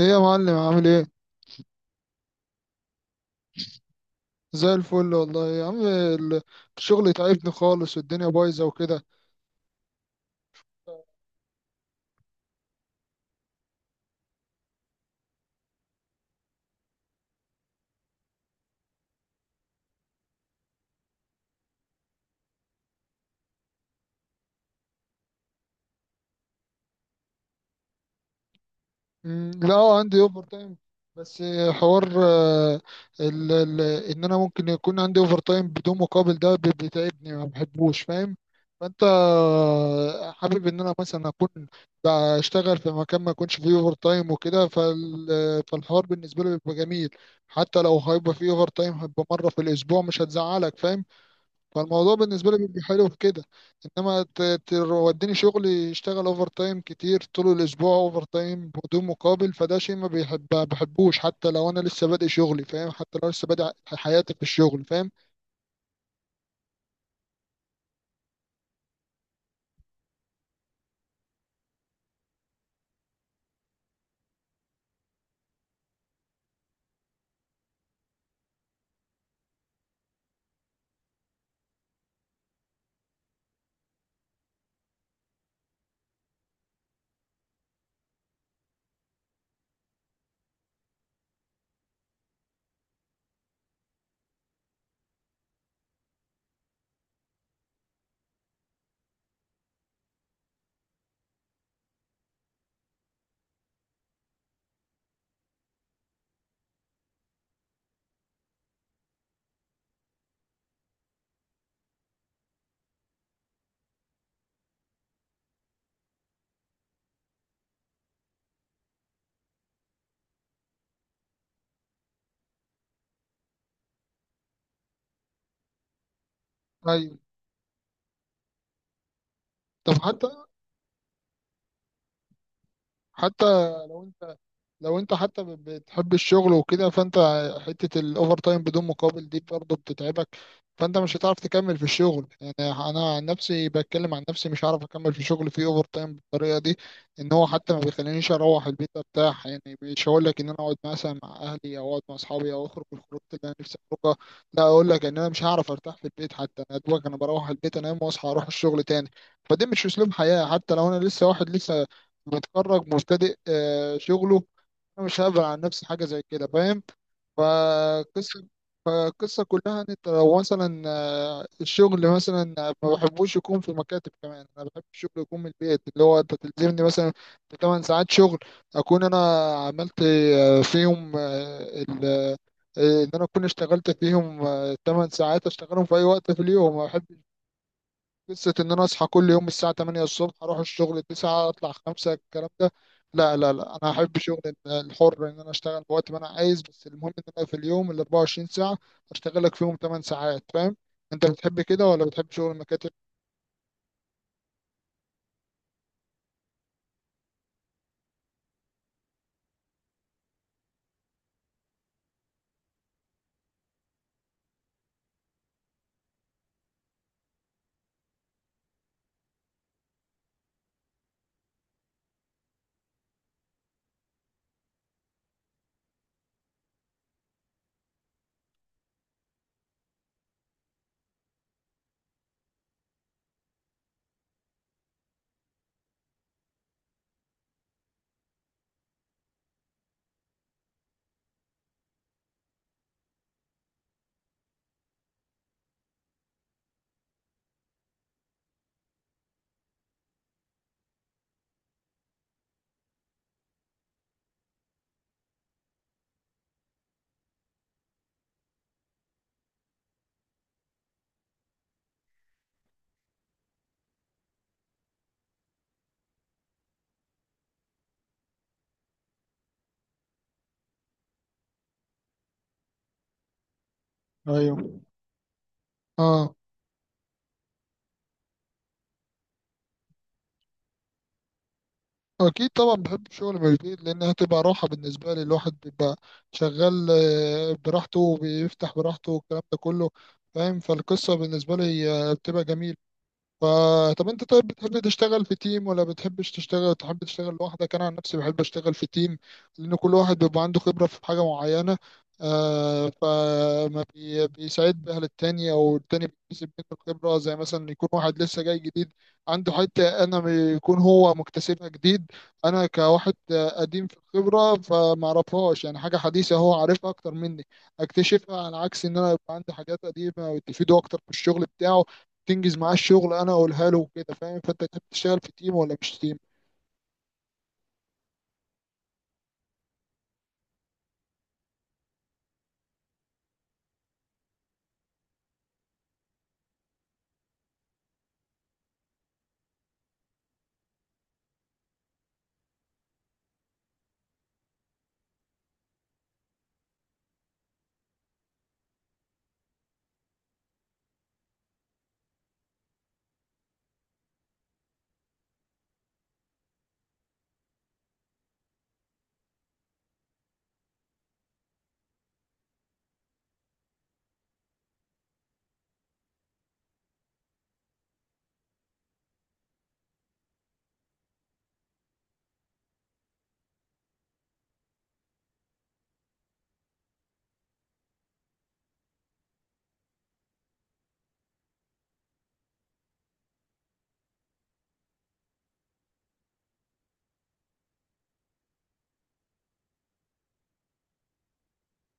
ايه يا معلم، عامل ايه؟ زي الفل والله يا عم. الشغل تعبني خالص، والدنيا بايظه وكده. لا، عندي اوفر تايم، بس حوار، ال ال ان انا ممكن يكون عندي اوفر تايم بدون مقابل. ده بيتعبني، ما بحبوش، فاهم؟ فانت، حابب ان انا مثلا اكون بشتغل في مكان ما يكونش فيه اوفر تايم وكده، فالحوار بالنسبه لي بيبقى جميل. حتى لو هيبقى فيه اوفر تايم، هيبقى مره في الاسبوع، مش هتزعلك، فاهم؟ فالموضوع بالنسبة لي بيبقى حلو في كده. انما توديني شغل يشتغل اوفر تايم كتير طول الاسبوع، اوفر تايم بدون مقابل، فده شيء ما بيحب بحبوش، حتى لو انا لسه بادئ شغلي، فاهم؟ حتى لو لسه بادئ حياتي في الشغل، فاهم؟ ايوه. طب حتى، حتى لو انت لو انت بتحب الشغل وكده، فانت حتة الاوفر تايم بدون مقابل دي برضه بتتعبك. فانت مش هتعرف تكمل في الشغل، يعني انا عن نفسي بتكلم عن نفسي، مش هعرف اكمل في شغل فيه اوفر تايم بالطريقة دي. ان هو حتى ما بيخلينيش اروح البيت ارتاح، يعني مش هقول لك ان انا اقعد مثلا مع اهلي او اقعد مع اصحابي او اخرج الخروج اللي انا نفسي اخرجها، لا، اقول لك ان انا مش هعرف ارتاح في البيت، حتى انا دوبك انا بروح البيت انام واصحى اروح الشغل تاني. فده مش اسلوب حياة، حتى لو انا لسه واحد لسه متخرج مبتدئ شغله. انا مش هبعد عن نفسي حاجه زي كده، فاهم؟ فالقصه القصه كلها ان انت لو مثلا، الشغل مثلا، ما بحبوش يكون في مكاتب. كمان انا بحب الشغل يكون من البيت، اللي هو انت تلزمني مثلا في 8 ساعات شغل، اكون انا عملت، فيهم، ان انا اكون اشتغلت فيهم 8 ساعات، اشتغلهم في اي وقت في اليوم. ما بحبش قصة إن أنا أصحى كل يوم الساعة 8 الصبح، أروح الشغل 9، أطلع 5، الكلام ده. لا لا لا، أنا هحب شغل الحر، إن أنا أشتغل في وقت ما أنا عايز، بس المهم إن أنا في اليوم ال 24 ساعة أشتغل لك فيهم 8 ساعات، فاهم؟ أنت بتحب كده ولا بتحب شغل المكاتب؟ ايوه، اه، اكيد طبعا بحب الشغل من البيت، لانها تبقى راحه بالنسبه لي. الواحد بيبقى شغال، براحته وبيفتح براحته والكلام ده كله، فاهم؟ فالقصه بالنسبه لي، بتبقى جميله. طب انت، طيب بتحب تشتغل في تيم ولا بتحبش تشتغل؟ تحب تشتغل لوحدك؟ انا عن نفسي بحب اشتغل في تيم، لان كل واحد بيبقى عنده خبرة في حاجة معينة. فما بيساعد بها للتاني، او التاني بيكتسب منه الخبرة، زي مثلا يكون واحد لسه جاي جديد، عنده حتة انا يكون هو مكتسبها جديد. انا كواحد قديم في الخبرة فما اعرفهاش، يعني حاجة حديثة هو عارفها اكتر مني، اكتشفها، على عكس ان انا يبقى عندي حاجات قديمة ويستفيدوا اكتر في الشغل بتاعه، تنجز معاه الشغل، انا اقولها له وكده، فاهم؟ فانت كنت بتشتغل في تيم ولا مش تيم؟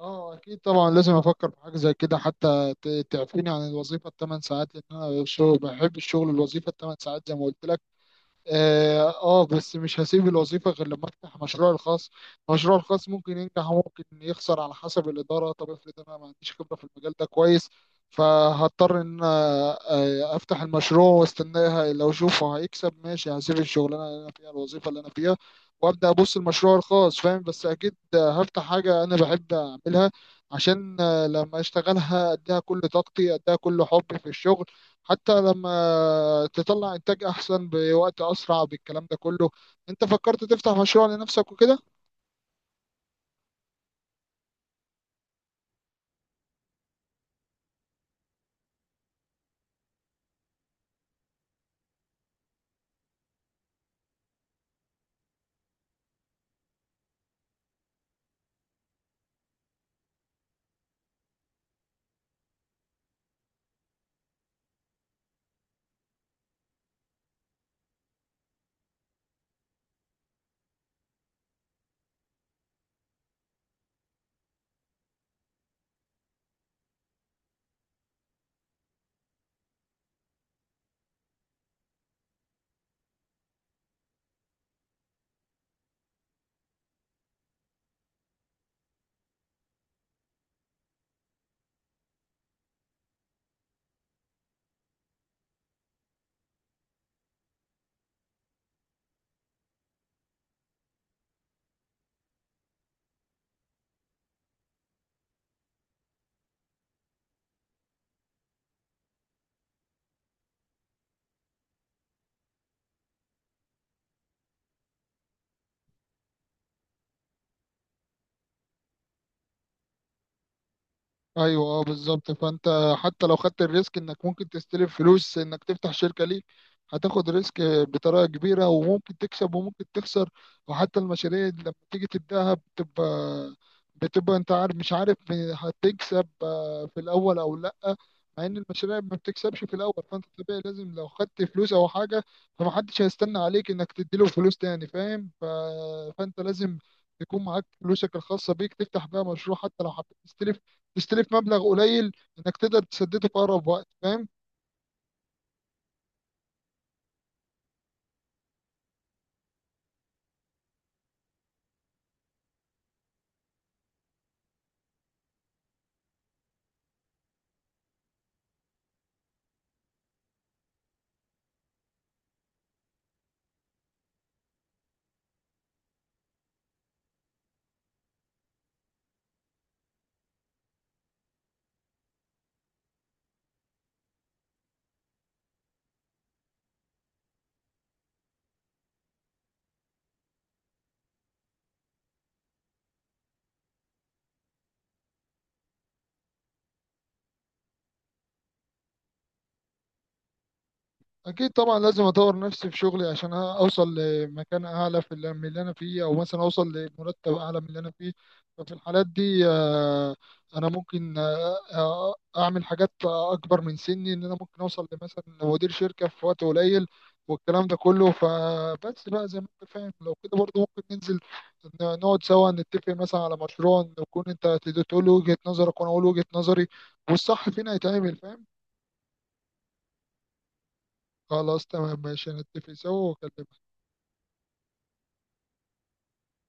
اه، اكيد طبعا لازم افكر في حاجه زي كده، حتى تعفيني عن الوظيفه الثمان ساعات، لان انا بحب الشغل، الوظيفه الثمان ساعات زي ما قلت لك. اه، بس مش هسيب الوظيفة غير لما افتح مشروعي الخاص. مشروعي الخاص ممكن ينجح وممكن يخسر على حسب الإدارة. طب افرض انا ما عنديش خبرة في المجال ده كويس، فهضطر ان أنا، افتح المشروع واستناها، لو اشوفه هيكسب ماشي، هسيب الشغلانة اللي انا فيها، الوظيفة اللي انا فيها، وابدا ابص المشروع الخاص، فاهم؟ بس اكيد هفتح حاجة انا بحب اعملها، عشان لما اشتغلها اديها كل طاقتي، اديها كل حبي في الشغل، حتى لما تطلع انتاج احسن بوقت اسرع بالكلام ده كله. انت فكرت تفتح مشروع لنفسك وكده؟ ايوه، اه، بالظبط. فانت حتى لو خدت الريسك انك ممكن تستلف فلوس انك تفتح شركه ليك، هتاخد ريسك بطريقه كبيره، وممكن تكسب وممكن تخسر. وحتى المشاريع اللي لما تيجي تبداها، بتبقى انت عارف مش عارف هتكسب في الاول او لا. مع ان المشاريع ما بتكسبش في الاول، فانت طبيعي لازم لو خدت فلوس او حاجه، فمحدش هيستنى عليك انك تديله فلوس تاني، فاهم؟ فانت لازم يكون معاك فلوسك الخاصة بيك تفتح بيها مشروع. حتى لو حبيت تستلف، تستلف مبلغ قليل انك تقدر تسدده في اقرب وقت، فاهم؟ اكيد طبعا لازم اطور نفسي في شغلي عشان اوصل لمكان اعلى من اللي انا فيه، او مثلا اوصل لمرتب اعلى من اللي انا فيه. ففي الحالات دي، انا ممكن، اعمل حاجات اكبر من سني، ان انا ممكن اوصل لمثلا مدير شركة في وقت قليل والكلام ده كله. فبس بقى زي ما انت فاهم، لو كده برضه ممكن ننزل، نقعد سوا نتفق مثلا على مشروع، نكون انت تقول لي وجهة نظرك وانا اقول وجهة نظري، والصح فينا يتعمل، فاهم؟ خلاص، تمام ماشي، نتفق سوا واكلمك.